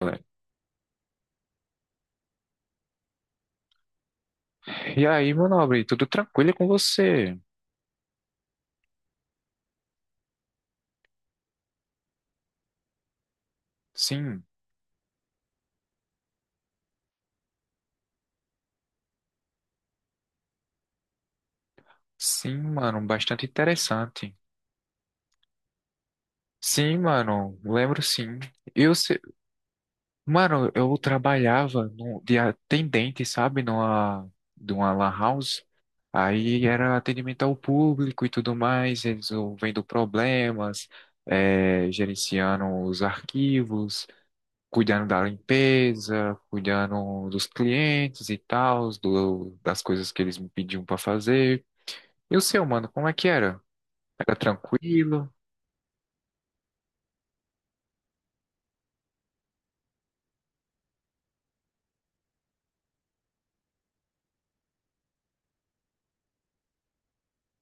Galera. E aí, meu nobre, tudo tranquilo com você? Sim, sim, mano, bastante interessante. Sim, mano, lembro sim. Eu, se- Mano, eu trabalhava no, de atendente, sabe, numa, de uma lan house. Aí era atendimento ao público e tudo mais, resolvendo problemas, gerenciando os arquivos. Cuidando da limpeza, cuidando dos clientes e tal, das coisas que eles me pediam para fazer. E o seu, mano, como é que era? Era tranquilo?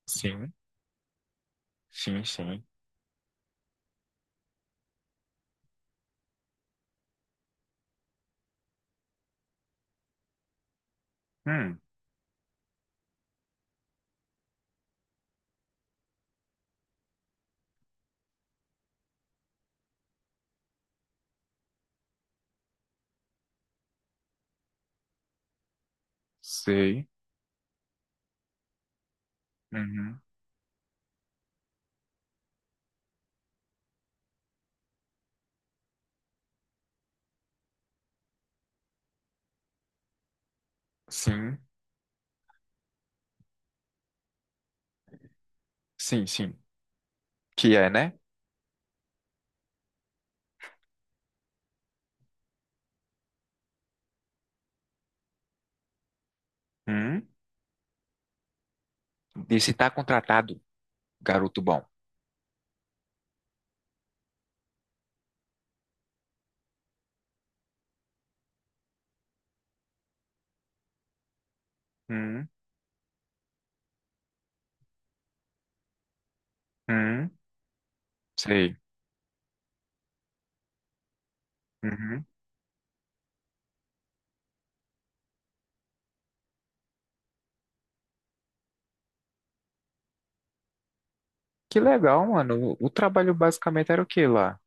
Sim, sim, sim. Hum, sei. Uhum. Sim, sim, sim. Que é, né? Hum. E se tá contratado, garoto bom. Hum, hum, sei. Uhum. Que legal, mano. O trabalho basicamente era o que lá?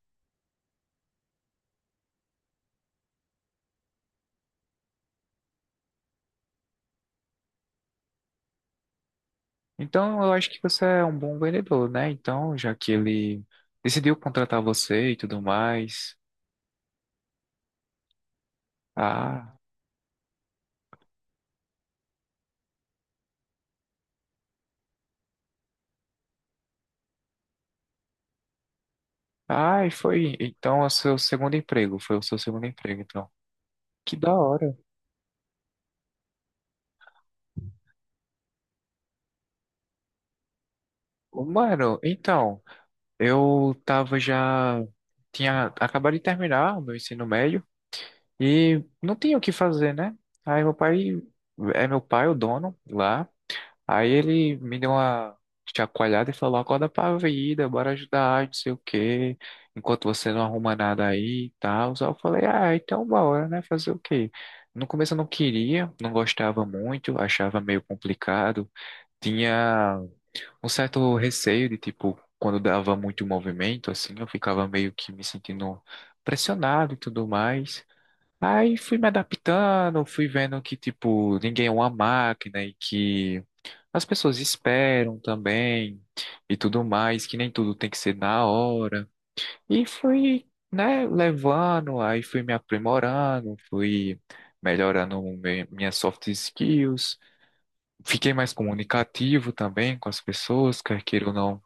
Então, eu acho que você é um bom vendedor, né? Então, já que ele decidiu contratar você e tudo mais. Ah, ah, e foi. Então, é o seu segundo emprego. Foi o seu segundo emprego, então. Que da hora. Ô, mano, então, eu tava já. Tinha acabado de terminar o meu ensino médio e não tinha o que fazer, né? Aí, meu pai. É meu pai o dono lá. Aí ele me deu uma chacoalhada e falou: acorda pra vida, bora ajudar, não sei o quê, enquanto você não arruma nada aí e tal. Só eu falei: ah, então bora, né? Fazer o quê? No começo eu não queria, não gostava muito, achava meio complicado, tinha um certo receio de tipo, quando dava muito movimento, assim, eu ficava meio que me sentindo pressionado e tudo mais. Aí fui me adaptando, fui vendo que, tipo, ninguém é uma máquina e que. As pessoas esperam também e tudo mais, que nem tudo tem que ser na hora. E fui, né, levando, aí fui me aprimorando, fui melhorando minhas soft skills. Fiquei mais comunicativo também com as pessoas, quer queira ou não.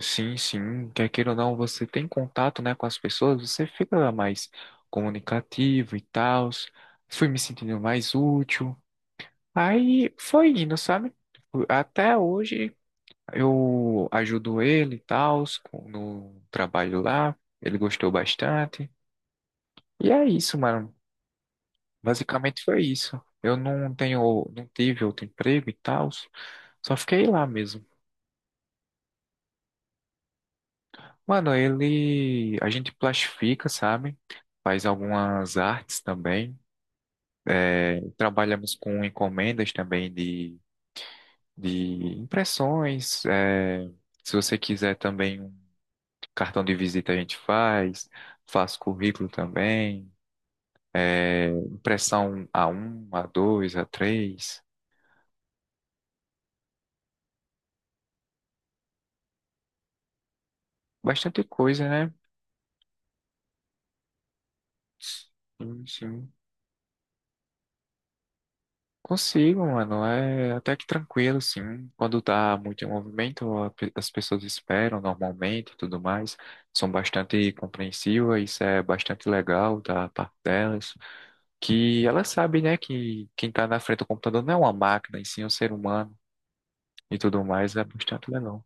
Sim, sim, quer queira ou não, você tem contato, né, com as pessoas, você fica mais comunicativo e tal. Fui me sentindo mais útil. Aí foi indo, sabe? Até hoje eu ajudo ele e tal, no trabalho lá. Ele gostou bastante. E é isso, mano. Basicamente foi isso. Eu não tenho, não tive outro emprego e tal, só fiquei lá mesmo. Mano, ele, a gente plastifica, sabe? Faz algumas artes também. Trabalhamos com encomendas também de impressões. Se você quiser também um cartão de visita, a gente faz. Faz currículo também. Impressão a um a dois a três. Bastante coisa, né? Sim, sim. Consigo, mano. É até que tranquilo, sim. Quando tá muito em movimento, as pessoas esperam normalmente e tudo mais. São bastante compreensivas, isso é bastante legal da parte delas. Que elas sabem, né, que quem tá na frente do computador não é uma máquina, e sim um ser humano e tudo mais. É bastante legal.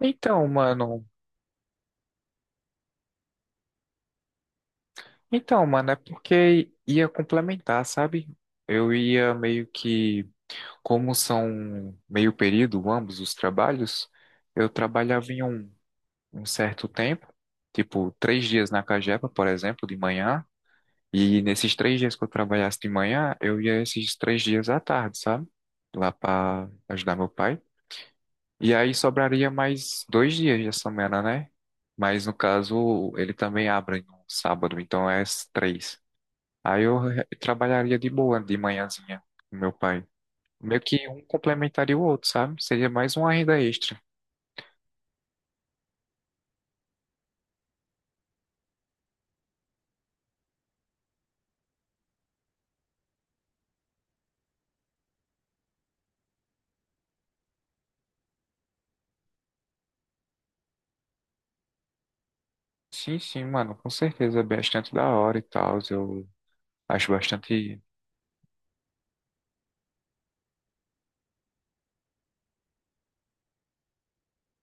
Então, mano. Então, mano, é porque ia complementar, sabe? Eu ia meio que, como são meio período ambos os trabalhos, eu trabalhava em um, um certo tempo, tipo três dias na Cagepa, por exemplo, de manhã, e nesses três dias que eu trabalhasse de manhã, eu ia esses três dias à tarde, sabe? Lá para ajudar meu pai. E aí sobraria mais dois dias de semana, né? Mas no caso, ele também abre no sábado, então é as três. Aí eu trabalharia de boa de manhãzinha com meu pai. Meio que um complementaria o outro, sabe? Seria mais uma renda extra. Sim, sim, mano, com certeza. É bastante da hora e tal. Eu acho bastante.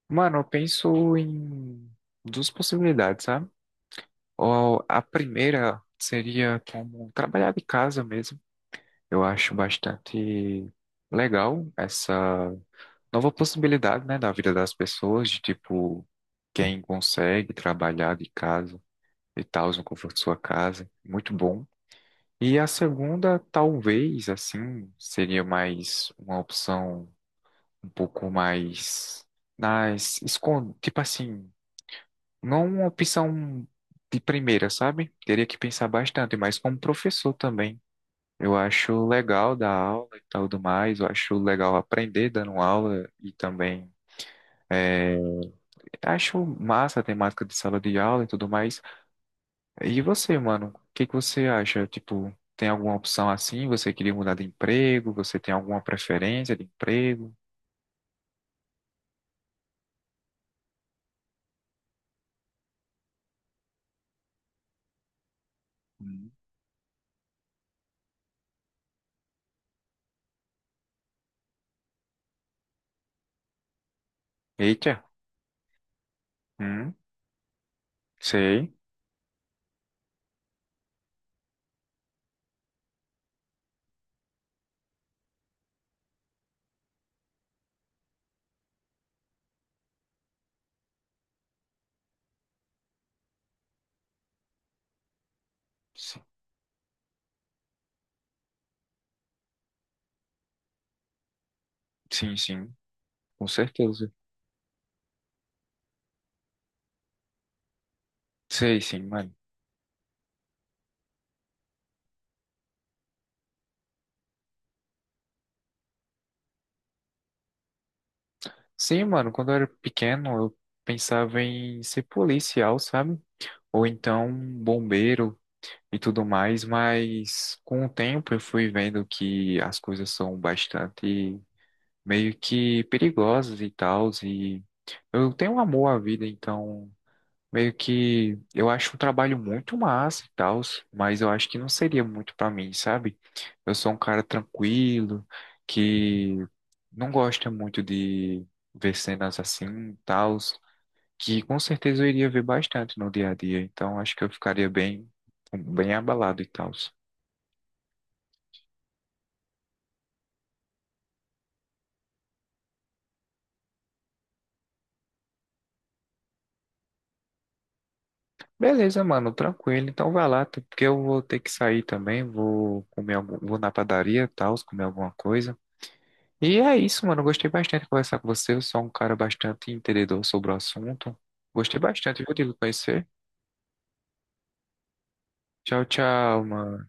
Mano, eu penso em duas possibilidades, sabe? Ou a primeira seria como trabalhar de casa mesmo. Eu acho bastante legal essa nova possibilidade, né, da vida das pessoas, de tipo, quem consegue trabalhar de casa e tal, no conforto de sua casa. Muito bom. E a segunda, talvez, assim, seria mais uma opção um pouco mais nas escon tipo assim, não uma opção de primeira, sabe? Teria que pensar bastante, mas como professor também. Eu acho legal dar aula e tal do mais, eu acho legal aprender dando aula e também é, acho massa a temática de sala de aula e tudo mais. E você, mano? O que que você acha? Tipo, tem alguma opção assim? Você queria mudar de emprego? Você tem alguma preferência de emprego? Hum. Eita, hum, sei. Si- Sim, sim, com certeza. Sei, sim, mano. Sim, mano, quando eu era pequeno, eu pensava em ser policial, sabe? Ou então bombeiro e tudo mais, mas com o tempo eu fui vendo que as coisas são bastante meio que perigosas e tal. Eu tenho um amor à vida, então meio que eu acho um trabalho muito massa e tal, mas eu acho que não seria muito pra mim, sabe? Eu sou um cara tranquilo, que não gosta muito de ver cenas assim, e tal, que com certeza eu iria ver bastante no dia a dia, então acho que eu ficaria bem, bem abalado e tal. Beleza, mano, tranquilo. Então vai lá, tá? Porque eu vou ter que sair também, vou comer algum, vou na padaria, e tal, comer alguma coisa. E é isso, mano. Eu gostei bastante de conversar com você. Eu sou um cara bastante entendedor sobre o assunto. Gostei bastante, viu, de lhe conhecer. Tchau, tchau, mano.